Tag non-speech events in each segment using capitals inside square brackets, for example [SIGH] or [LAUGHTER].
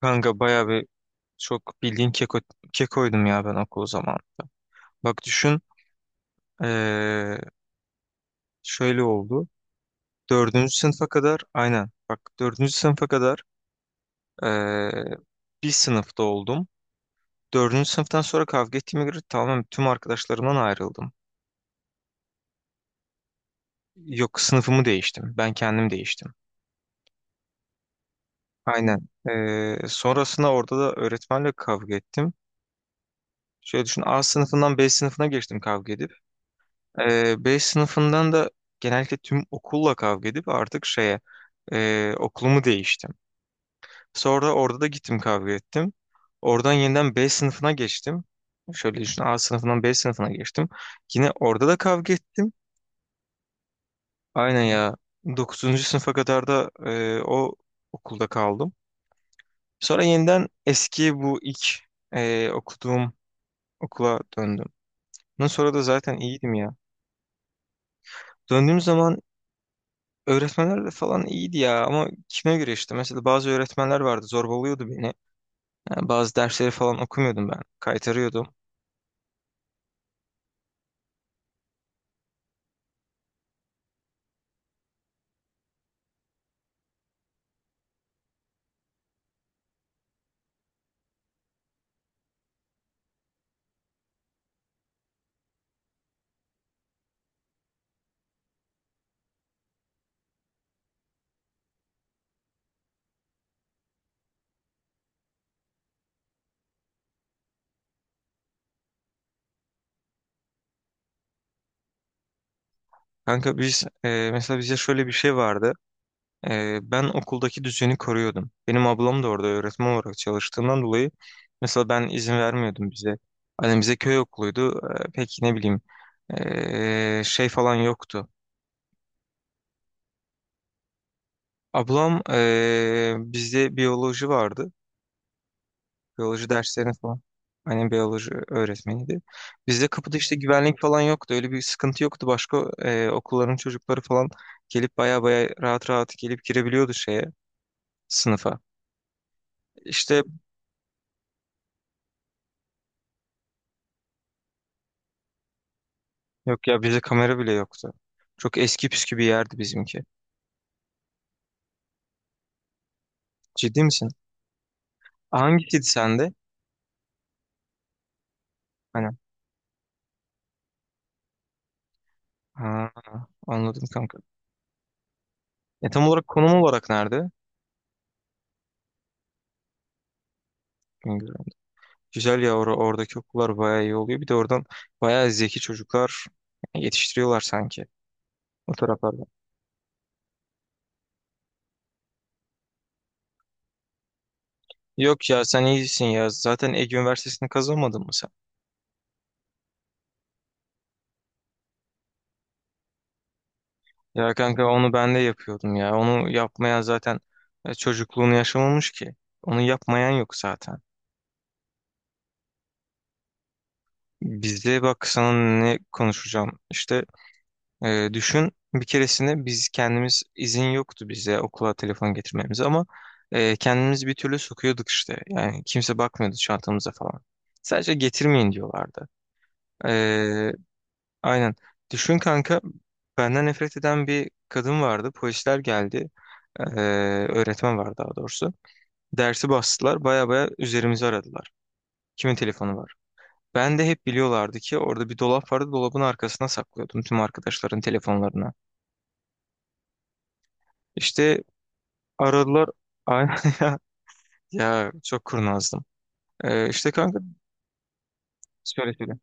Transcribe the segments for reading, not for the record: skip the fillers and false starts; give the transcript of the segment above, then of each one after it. Kanka bayağı bir çok bildiğin kekoydum ya ben okul zamanında. Bak düşün, eee, şöyle oldu. Dördüncü sınıfa kadar aynen, bak, dördüncü sınıfa kadar eee, bir sınıfta oldum. Dördüncü sınıftan sonra kavga ettiğime göre tamamen tüm arkadaşlarımdan ayrıldım. Yok, sınıfımı değiştim. Ben kendim değiştim. Aynen. Sonrasında orada da öğretmenle kavga ettim. Şöyle düşün, A sınıfından B sınıfına geçtim kavga edip. B sınıfından da genellikle tüm okulla kavga edip artık şeye, okulumu değiştim. Sonra orada da gittim, kavga ettim. Oradan yeniden B sınıfına geçtim. Şöyle düşün, A sınıfından B sınıfına geçtim. Yine orada da kavga ettim. Aynen ya, 9. sınıfa kadar da o okulda kaldım. Sonra yeniden eski, bu ilk okuduğum okula döndüm. Bundan sonra da zaten iyiydim ya. Döndüğüm zaman. Öğretmenler de falan iyiydi ya, ama kime göre işte. Mesela bazı öğretmenler vardı, zorbalıyordu beni. Yani bazı dersleri falan okumuyordum ben. Kaytarıyordum. Kanka biz, mesela bize şöyle bir şey vardı. Ben okuldaki düzeni koruyordum. Benim ablam da orada öğretmen olarak çalıştığından dolayı mesela ben izin vermiyordum bize. Hani bize köy okuluydu. Pek ne bileyim, şey falan yoktu. Ablam, bizde biyoloji vardı. Biyoloji derslerini falan. Annem biyoloji öğretmeniydi. Bizde kapıda işte güvenlik falan yoktu. Öyle bir sıkıntı yoktu. Başka okulların çocukları falan gelip baya baya rahat rahat gelip girebiliyordu şeye, sınıfa. İşte, yok ya, bizde kamera bile yoktu. Çok eski püskü bir yerdi bizimki. Ciddi misin? Hangisiydi sende? Hani, ha, anladım kanka. Tam olarak konum olarak nerede? Bilmiyorum. Güzel ya, oradaki okullar baya iyi oluyor. Bir de oradan baya zeki çocuklar yetiştiriyorlar sanki. O taraflarda. Yok ya, sen iyisin ya. Zaten Ege Üniversitesi'ni kazanmadın mı sen? Ya kanka, onu ben de yapıyordum ya. Onu yapmayan zaten çocukluğunu yaşamamış ki. Onu yapmayan yok zaten. Bizde bak sana ne konuşacağım. İşte, düşün, bir keresinde biz kendimiz, izin yoktu bize okula telefon getirmemize, ama kendimiz bir türlü sokuyorduk işte. Yani kimse bakmıyordu çantamıza falan. Sadece getirmeyin diyorlardı. E, Aynen. Düşün kanka, benden nefret eden bir kadın vardı. Polisler geldi. Ee, öğretmen var daha doğrusu. Dersi bastılar. Baya baya üzerimizi aradılar. Kimin telefonu var? Ben de, hep biliyorlardı ki orada bir dolap vardı. Dolabın arkasına saklıyordum tüm arkadaşların telefonlarını. İşte aradılar. Aynen [LAUGHS] ya. Ya çok kurnazdım. İşte kanka, şöyle söyleyeyim.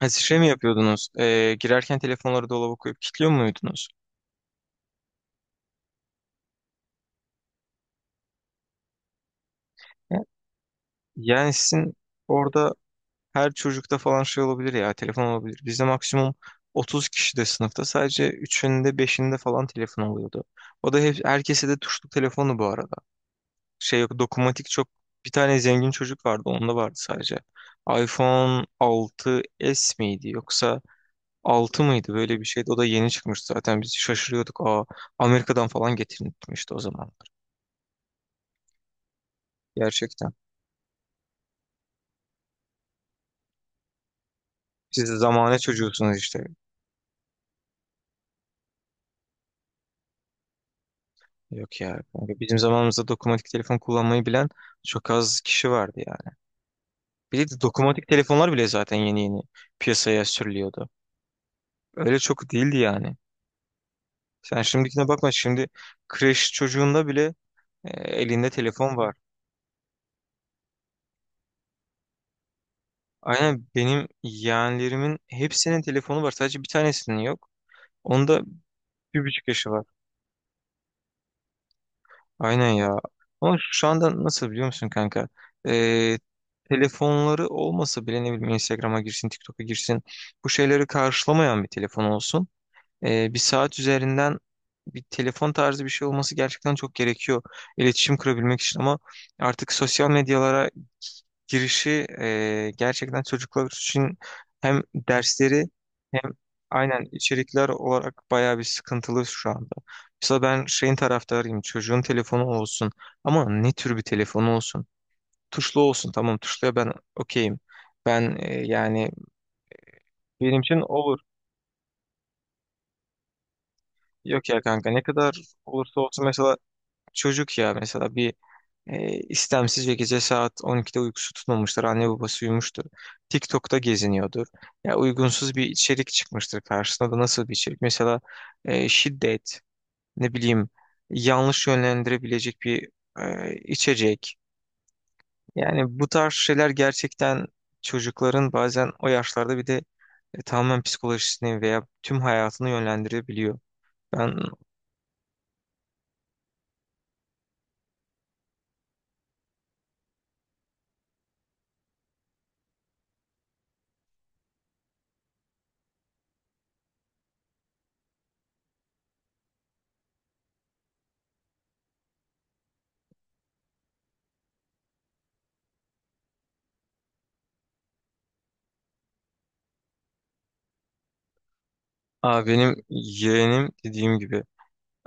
Ha, siz şey mi yapıyordunuz? Girerken telefonları dolaba koyup kilitliyor muydunuz? Ya- Yani sizin orada. Her çocukta falan şey olabilir ya, telefon olabilir. Bizde maksimum 30 kişi de sınıfta, sadece 3'ünde 5'inde falan telefon oluyordu. O da hep, herkese de tuşlu telefonu bu arada. Şey, yok dokunmatik, çok, bir tane zengin çocuk vardı, onda vardı sadece. iPhone 6s miydi yoksa 6 mıydı, böyle bir şeydi. O da yeni çıkmıştı zaten, biz şaşırıyorduk. Aa, Amerika'dan falan getirilmişti o zamanlar, gerçekten. Siz de zamane çocuğusunuz işte. Yok ya. Kanka, bizim zamanımızda dokunmatik telefon kullanmayı bilen çok az kişi vardı yani. Bir de dokunmatik telefonlar bile zaten yeni yeni piyasaya sürülüyordu. Öyle çok değildi yani. Sen şimdikine bakma. Şimdi kreş çocuğunda bile, e, elinde telefon var. Aynen, benim yeğenlerimin hepsinin telefonu var. Sadece bir tanesinin yok. Onda bir buçuk yaşı var. Aynen ya. Ama şu anda nasıl biliyor musun kanka? Ee, telefonları olmasa bile, ne bileyim, Instagram'a girsin, TikTok'a girsin. Bu şeyleri karşılamayan bir telefon olsun. Bir saat üzerinden bir telefon tarzı bir şey olması gerçekten çok gerekiyor iletişim kurabilmek için, ama artık sosyal medyalara girişi, gerçekten çocuklar için hem dersleri, hem, aynen, içerikler olarak bayağı bir sıkıntılı şu anda. Mesela ben şeyin taraftarıyım, çocuğun telefonu olsun, ama ne tür bir telefonu olsun? Tuşlu olsun, tamam, tuşluya ben okeyim. Ben, yani benim için olur. Yok ya kanka, ne kadar olursa olsun, mesela çocuk ya, mesela bir, istemsiz ve gece saat 12'de uykusu tutmamıştır. Anne babası uyumuştur. TikTok'ta geziniyordur. Ya uygunsuz bir içerik çıkmıştır karşısına, da nasıl bir içerik? Mesela şiddet, ne bileyim, yanlış yönlendirebilecek bir, içecek. Yani bu tarz şeyler gerçekten çocukların bazen o yaşlarda, bir de tamamen psikolojisini veya tüm hayatını yönlendirebiliyor. Ben, benim yeğenim dediğim gibi.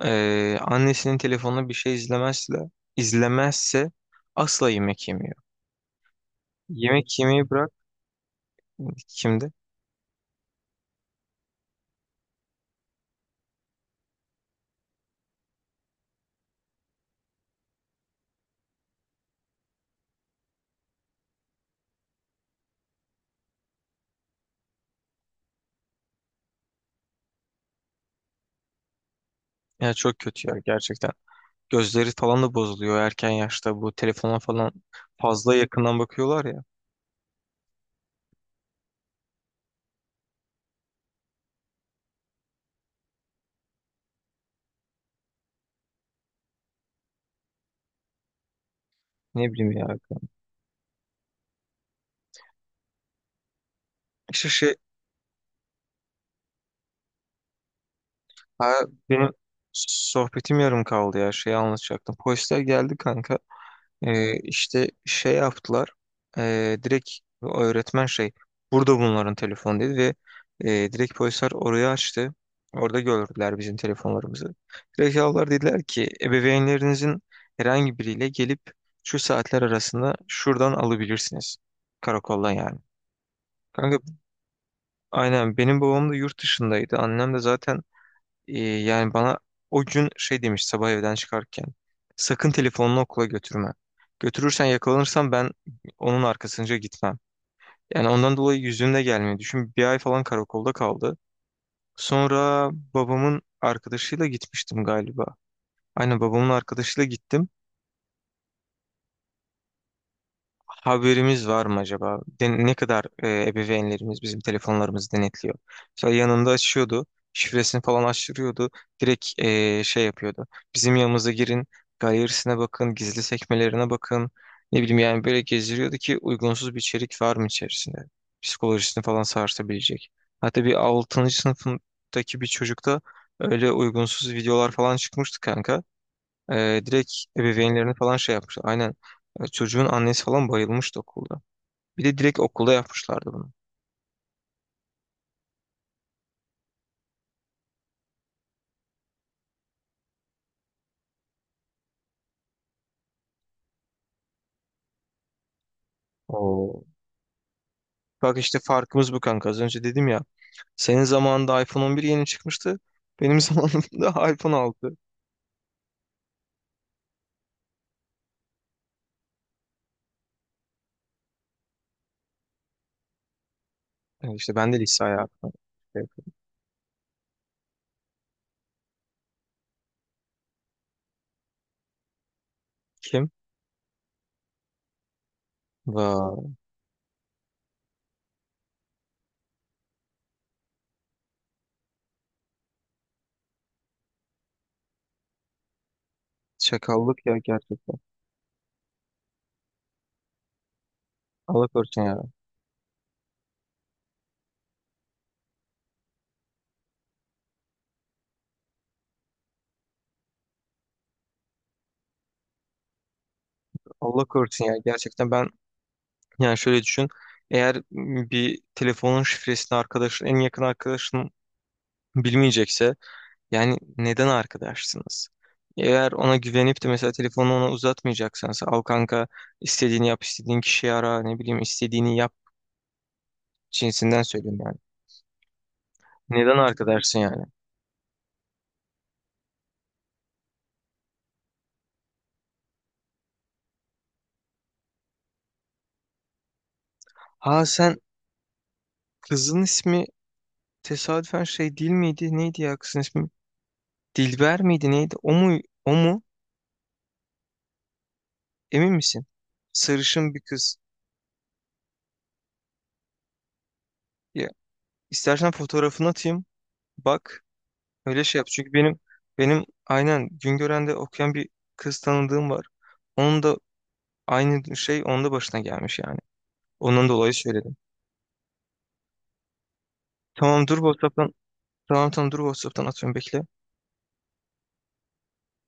Annesinin telefonuna bir şey izlemezse, izlemezse asla yemek yemiyor. Yemek yemeyi bırak, kimde? Ya çok kötü ya, gerçekten. Gözleri falan da bozuluyor erken yaşta, bu telefona falan fazla yakından bakıyorlar ya. Ne bileyim ya. İşte şey, ha, benim sohbetim yarım kaldı ya, şeyi anlatacaktım. Polisler geldi kanka. İşte şey yaptılar. Direkt öğretmen şey, burada bunların telefonu, dedi ve direkt polisler orayı açtı. Orada gördüler bizim telefonlarımızı. Direkt aldılar, dediler ki ebeveynlerinizin herhangi biriyle gelip şu saatler arasında şuradan alabilirsiniz. Karakoldan yani. Kanka aynen, benim babam da yurt dışındaydı. Annem de zaten yani bana o gün şey demiş sabah evden çıkarken. Sakın telefonunu okula götürme. Götürürsen, yakalanırsam ben onun arkasınca gitmem. Yani ondan dolayı yüzümle gelmiyor. Düşün bir ay falan karakolda kaldı. Sonra babamın arkadaşıyla gitmiştim galiba. Aynen babamın arkadaşıyla gittim. Haberimiz var mı acaba? Ne kadar ebeveynlerimiz bizim telefonlarımızı denetliyor? Mesela yanında açıyordu, şifresini falan açtırıyordu, direkt, şey yapıyordu. Bizim yanımıza girin, galerisine bakın, gizli sekmelerine bakın. Ne bileyim, yani böyle gezdiriyordu ki uygunsuz bir içerik var mı içerisinde? Psikolojisini falan sarsabilecek. Hatta bir 6. sınıfındaki bir çocukta öyle uygunsuz videolar falan çıkmıştı kanka. Direkt ebeveynlerini falan şey yapmışlar. Aynen. Çocuğun annesi falan bayılmıştı okulda. Bir de direkt okulda yapmışlardı bunu. Oo. Bak işte farkımız bu kanka. Az önce dedim ya. Senin zamanında iPhone 11 yeni çıkmıştı. Benim [LAUGHS] zamanımda iPhone 6. İşte ben de lise hayatı. Kim? Vay. Çakallık ya gerçekten. Allah korusun ya. Allah korusun ya. Gerçekten ben, yani şöyle düşün. Eğer bir telefonun şifresini arkadaşın, en yakın arkadaşın bilmeyecekse, yani neden arkadaşsınız? Eğer ona güvenip de mesela telefonu ona uzatmayacaksan sen, al kanka, istediğini yap, istediğin kişiyi ara, ne bileyim, istediğini yap cinsinden söylüyorum yani. Neden arkadaşsın yani? Ha, sen, kızın ismi tesadüfen şey değil miydi? Neydi ya kızın ismi? Dilber miydi neydi? O mu? O mu? Emin misin? Sarışın bir kız. Ya istersen fotoğrafını atayım. Bak öyle şey yap. Çünkü benim aynen Güngören'de okuyan bir kız tanıdığım var. Onun da. Aynı şey onun da başına gelmiş yani. Onun dolayı söyledim. Tamam dur WhatsApp'tan. Tamam tamam dur WhatsApp'tan atıyorum bekle.